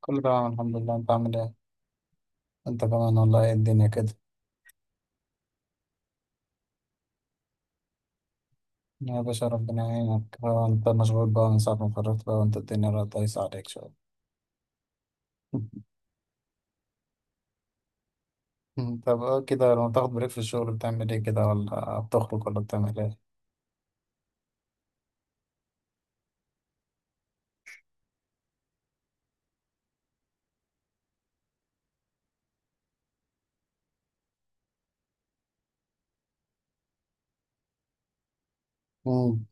كله تمام الحمد لله. انت عامل ايه؟ انت كمان والله. ايه الدنيا كده. يا باشا ربنا يعينك. هو انت مشغول بقى من ساعة ما اتخرجت بقى، وانت الدنيا بقت دايسة عليك شوية. طب كده لما تاخد بريك في الشغل بتعمل ايه، كده ولا بتخرج ولا بتعمل ايه؟ مم.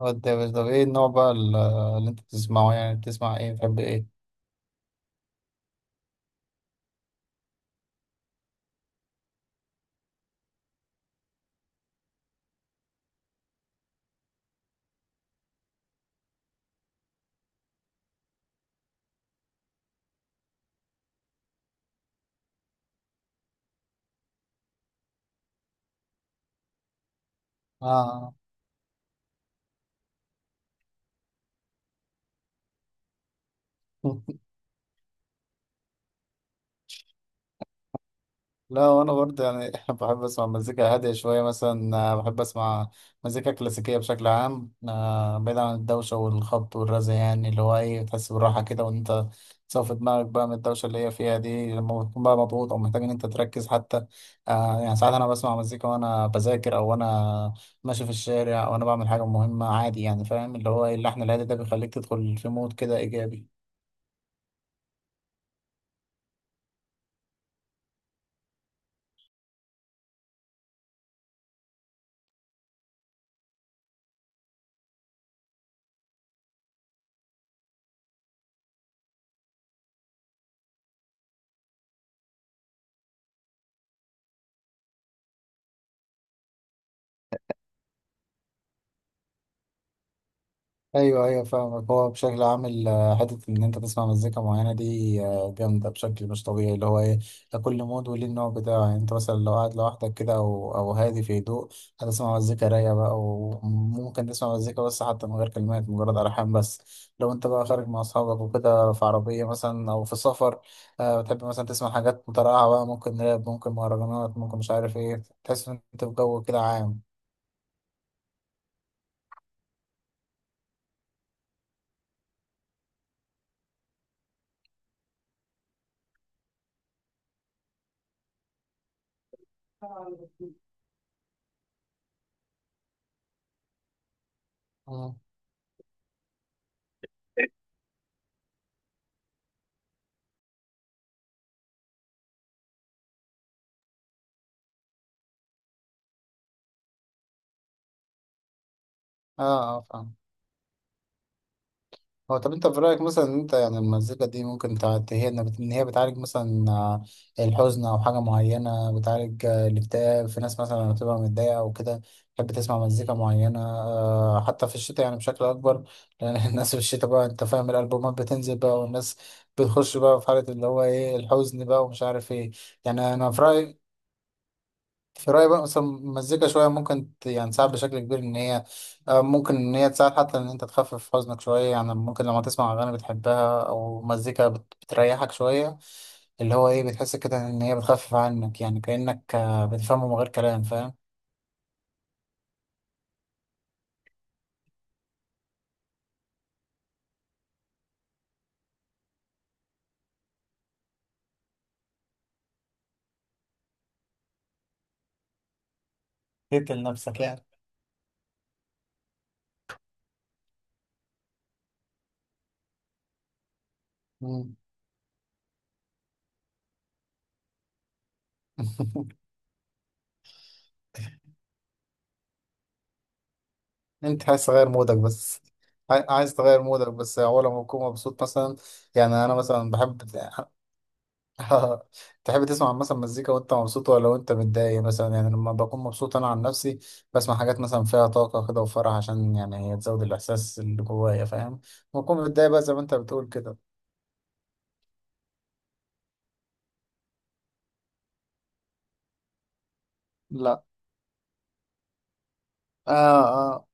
ودي يا باشا، طب ايه النوع بقى اللي انت بتسمعه، يعني بتسمع ايه، بتحب ايه؟ اه. لا وانا برضه يعني بحب اسمع مزيكا هاديه شويه، مثلا بحب اسمع مزيكا كلاسيكيه بشكل عام، بعيد عن الدوشه والخبط والرزع، يعني اللي هو ايه تحس بالراحه كده، وان انت تصفي دماغك بقى من الدوشه اللي هي فيها دي لما بتكون بقى مضغوط او محتاج ان انت تركز حتى. يعني ساعات انا بسمع مزيكا وانا بذاكر، او وانا ماشي في الشارع، او انا بعمل حاجه مهمه عادي، يعني فاهم اللي هو ايه، اللحن الهادي ده بيخليك تدخل في مود كده ايجابي. ايوه ايوه فاهمك. هو بشكل عام حته ان انت تسمع مزيكا معينه دي جامده بشكل مش طبيعي، اللي هو ايه لكل مود وليه النوع بتاعه. يعني انت مثلا لو قاعد لوحدك كده او هادي في هدوء، هتسمع مزيكا رايقه بقى، وممكن تسمع مزيكا بس حتى من غير كلمات، مجرد الحان بس. لو انت بقى خارج مع اصحابك وكده في عربيه مثلا او في سفر، بتحب مثلا تسمع حاجات مترقعه بقى، ممكن راب ممكن مهرجانات ممكن مش عارف ايه، تحس ان انت في جو كده عام. مم. اه اه فاهم. هو طب انت في رأيك مثلا ان انت يعني المزيكا دي ممكن ان هي بتعالج مثلا الحزن او حاجة معينة، بتعالج الاكتئاب في ناس مثلا لما بتبقى متضايقة او كده تحب تسمع مزيكا معينة حتى في الشتاء يعني بشكل اكبر، لان الناس في الشتاء بقى انت فاهم الالبومات بتنزل بقى، والناس بتخش بقى في حالة اللي هو ايه الحزن بقى، ومش عارف ايه. يعني انا في رأيي بقى مثلا المزيكا شوية ممكن يعني تساعد بشكل كبير إن هي ممكن إن هي تساعد حتى إن أنت تخفف حزنك شوية، يعني ممكن لما تسمع أغاني بتحبها أو مزيكا بتريحك شوية، اللي هو إيه بتحس كده إن هي بتخفف عنك، يعني كأنك بتفهمه من غير كلام فاهم؟ تقتل نفسك يعني. مم. أنت عايز تغير مودك بس. عايز تغير مودك بس. أول ما بكون مبسوط مثلا، يعني أنا مثلا بحب. آه. تحب تسمع مثلا مزيكا وانت مبسوط ولا وانت متضايق؟ مثلا يعني لما بكون مبسوط انا عن نفسي بسمع حاجات مثلا فيها طاقة كده وفرح، عشان يعني هي تزود الاحساس اللي جوايا فاهم. بكون متضايق بقى زي ما انت بتقول كده. لا. اه اه.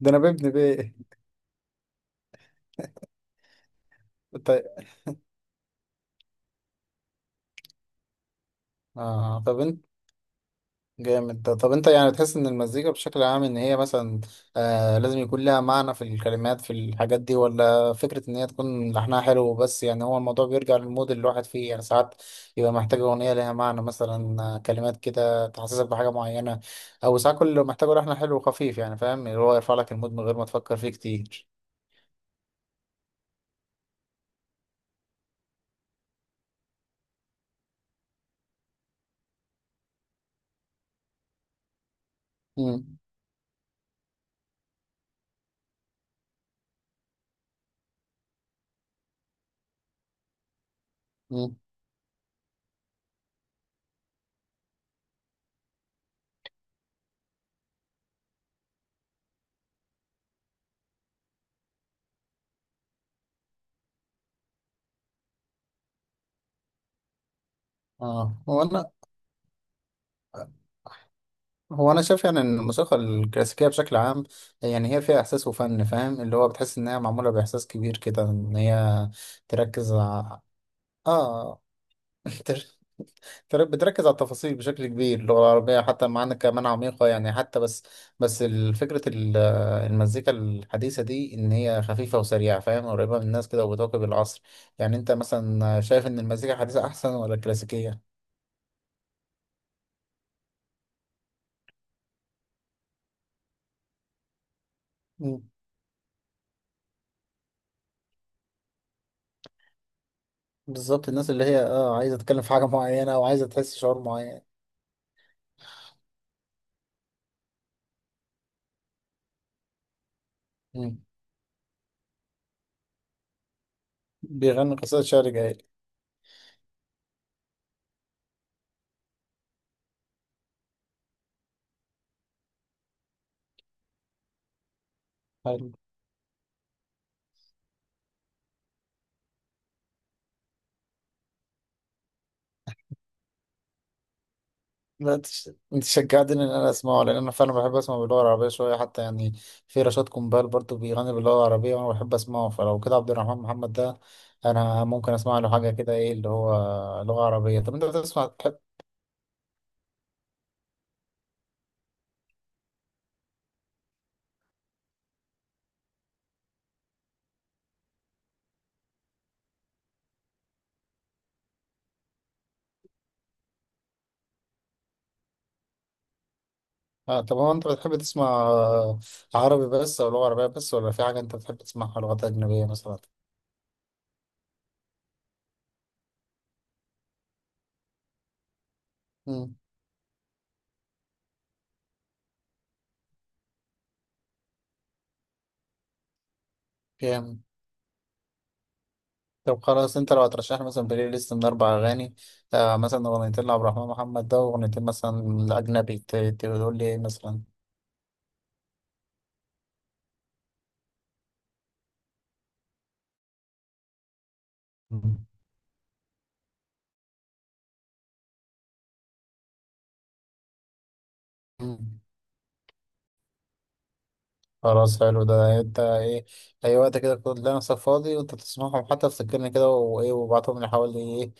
ده انا بابن بيه. طيب. اه طب انت. جامد ده. طب انت يعني تحس ان المزيكا بشكل عام ان هي مثلا لازم يكون لها معنى في الكلمات، في الحاجات دي، ولا فكرة ان هي تكون لحنها حلو بس؟ يعني هو الموضوع بيرجع للمود اللي الواحد فيه، يعني ساعات يبقى محتاج اغنية لها معنى مثلا كلمات كده تحسسك بحاجة معينة، او ساعات كل اللي محتاجه لحن حلو وخفيف، يعني فاهم اللي هو يرفع لك المود من غير ما تفكر فيه كتير. امم امم اه وانا. هو انا شايف يعني ان الموسيقى الكلاسيكيه بشكل عام، يعني هي فيها احساس وفن فاهم، اللي هو بتحس انها معموله باحساس كبير كده، ان هي تركز اه. تر- بتركز على التفاصيل بشكل كبير، اللغه العربيه حتى، مع انك كمان عميقه يعني حتى، بس فكره المزيكا الحديثه دي ان هي خفيفه وسريعه، فاهم، قريبه من الناس كده وبتواكب العصر. يعني انت مثلا شايف ان المزيكا الحديثه احسن ولا الكلاسيكيه؟ مم. بالظبط. الناس اللي هي اه عايزه تتكلم في حاجه معينه او عايزه تحس شعور معين. بيغني قصائد شعر جاهلي؟ حلو. لا انت شجعتني ان انا اسمعه، لان انا فعلا بحب اسمع باللغه العربيه شويه حتى يعني. في رشاد كومبال برضو بيغني باللغه العربيه وانا بحب اسمعه، فلو كده عبد الرحمن محمد ده انا ممكن اسمع له حاجه كده، ايه اللي هو لغه عربيه. طب انت بتسمع طب هو انت بتحب تسمع عربي بس او لغه عربيه بس، ولا في حاجه انت بتحب تسمعها لغات اجنبيه مثلا؟ امم طب خلاص. انت لو هترشح لي مثلا بلاي ليست من اربع اغاني، مثلا اغنيتين لعبد الرحمن محمد ده، واغنيتين مثلا لاجنبي، تقول لي ايه مثلا؟ مم. مم. خلاص حلو ده. انت ايه اي وقت كده كنت لنفسك فاضي وانت تسمعهم، حتى تسجلني كده وايه وابعتهم لي، حوالي ايه.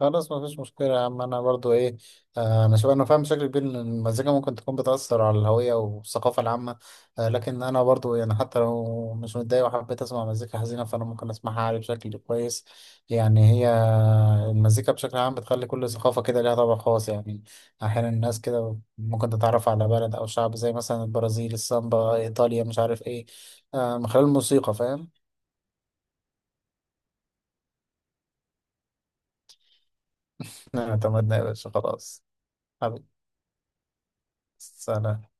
خلاص مفيش مشكلة يا عم. أنا برضو إيه، أنا شوف. أنا فاهم بشكل كبير إن المزيكا ممكن تكون بتأثر على الهوية والثقافة العامة، لكن أنا برضو يعني حتى لو مش متضايق وحبيت أسمع مزيكا حزينة، فأنا ممكن أسمعها عادي بشكل كويس. يعني هي المزيكا بشكل عام بتخلي كل ثقافة كده ليها طابع خاص، يعني أحيانا الناس كده ممكن تتعرف على بلد أو شعب زي مثلا البرازيل السامبا، إيطاليا مش عارف إيه، من خلال الموسيقى فاهم. اعتمدنا يا باشا خلاص. حبيبي. سلام.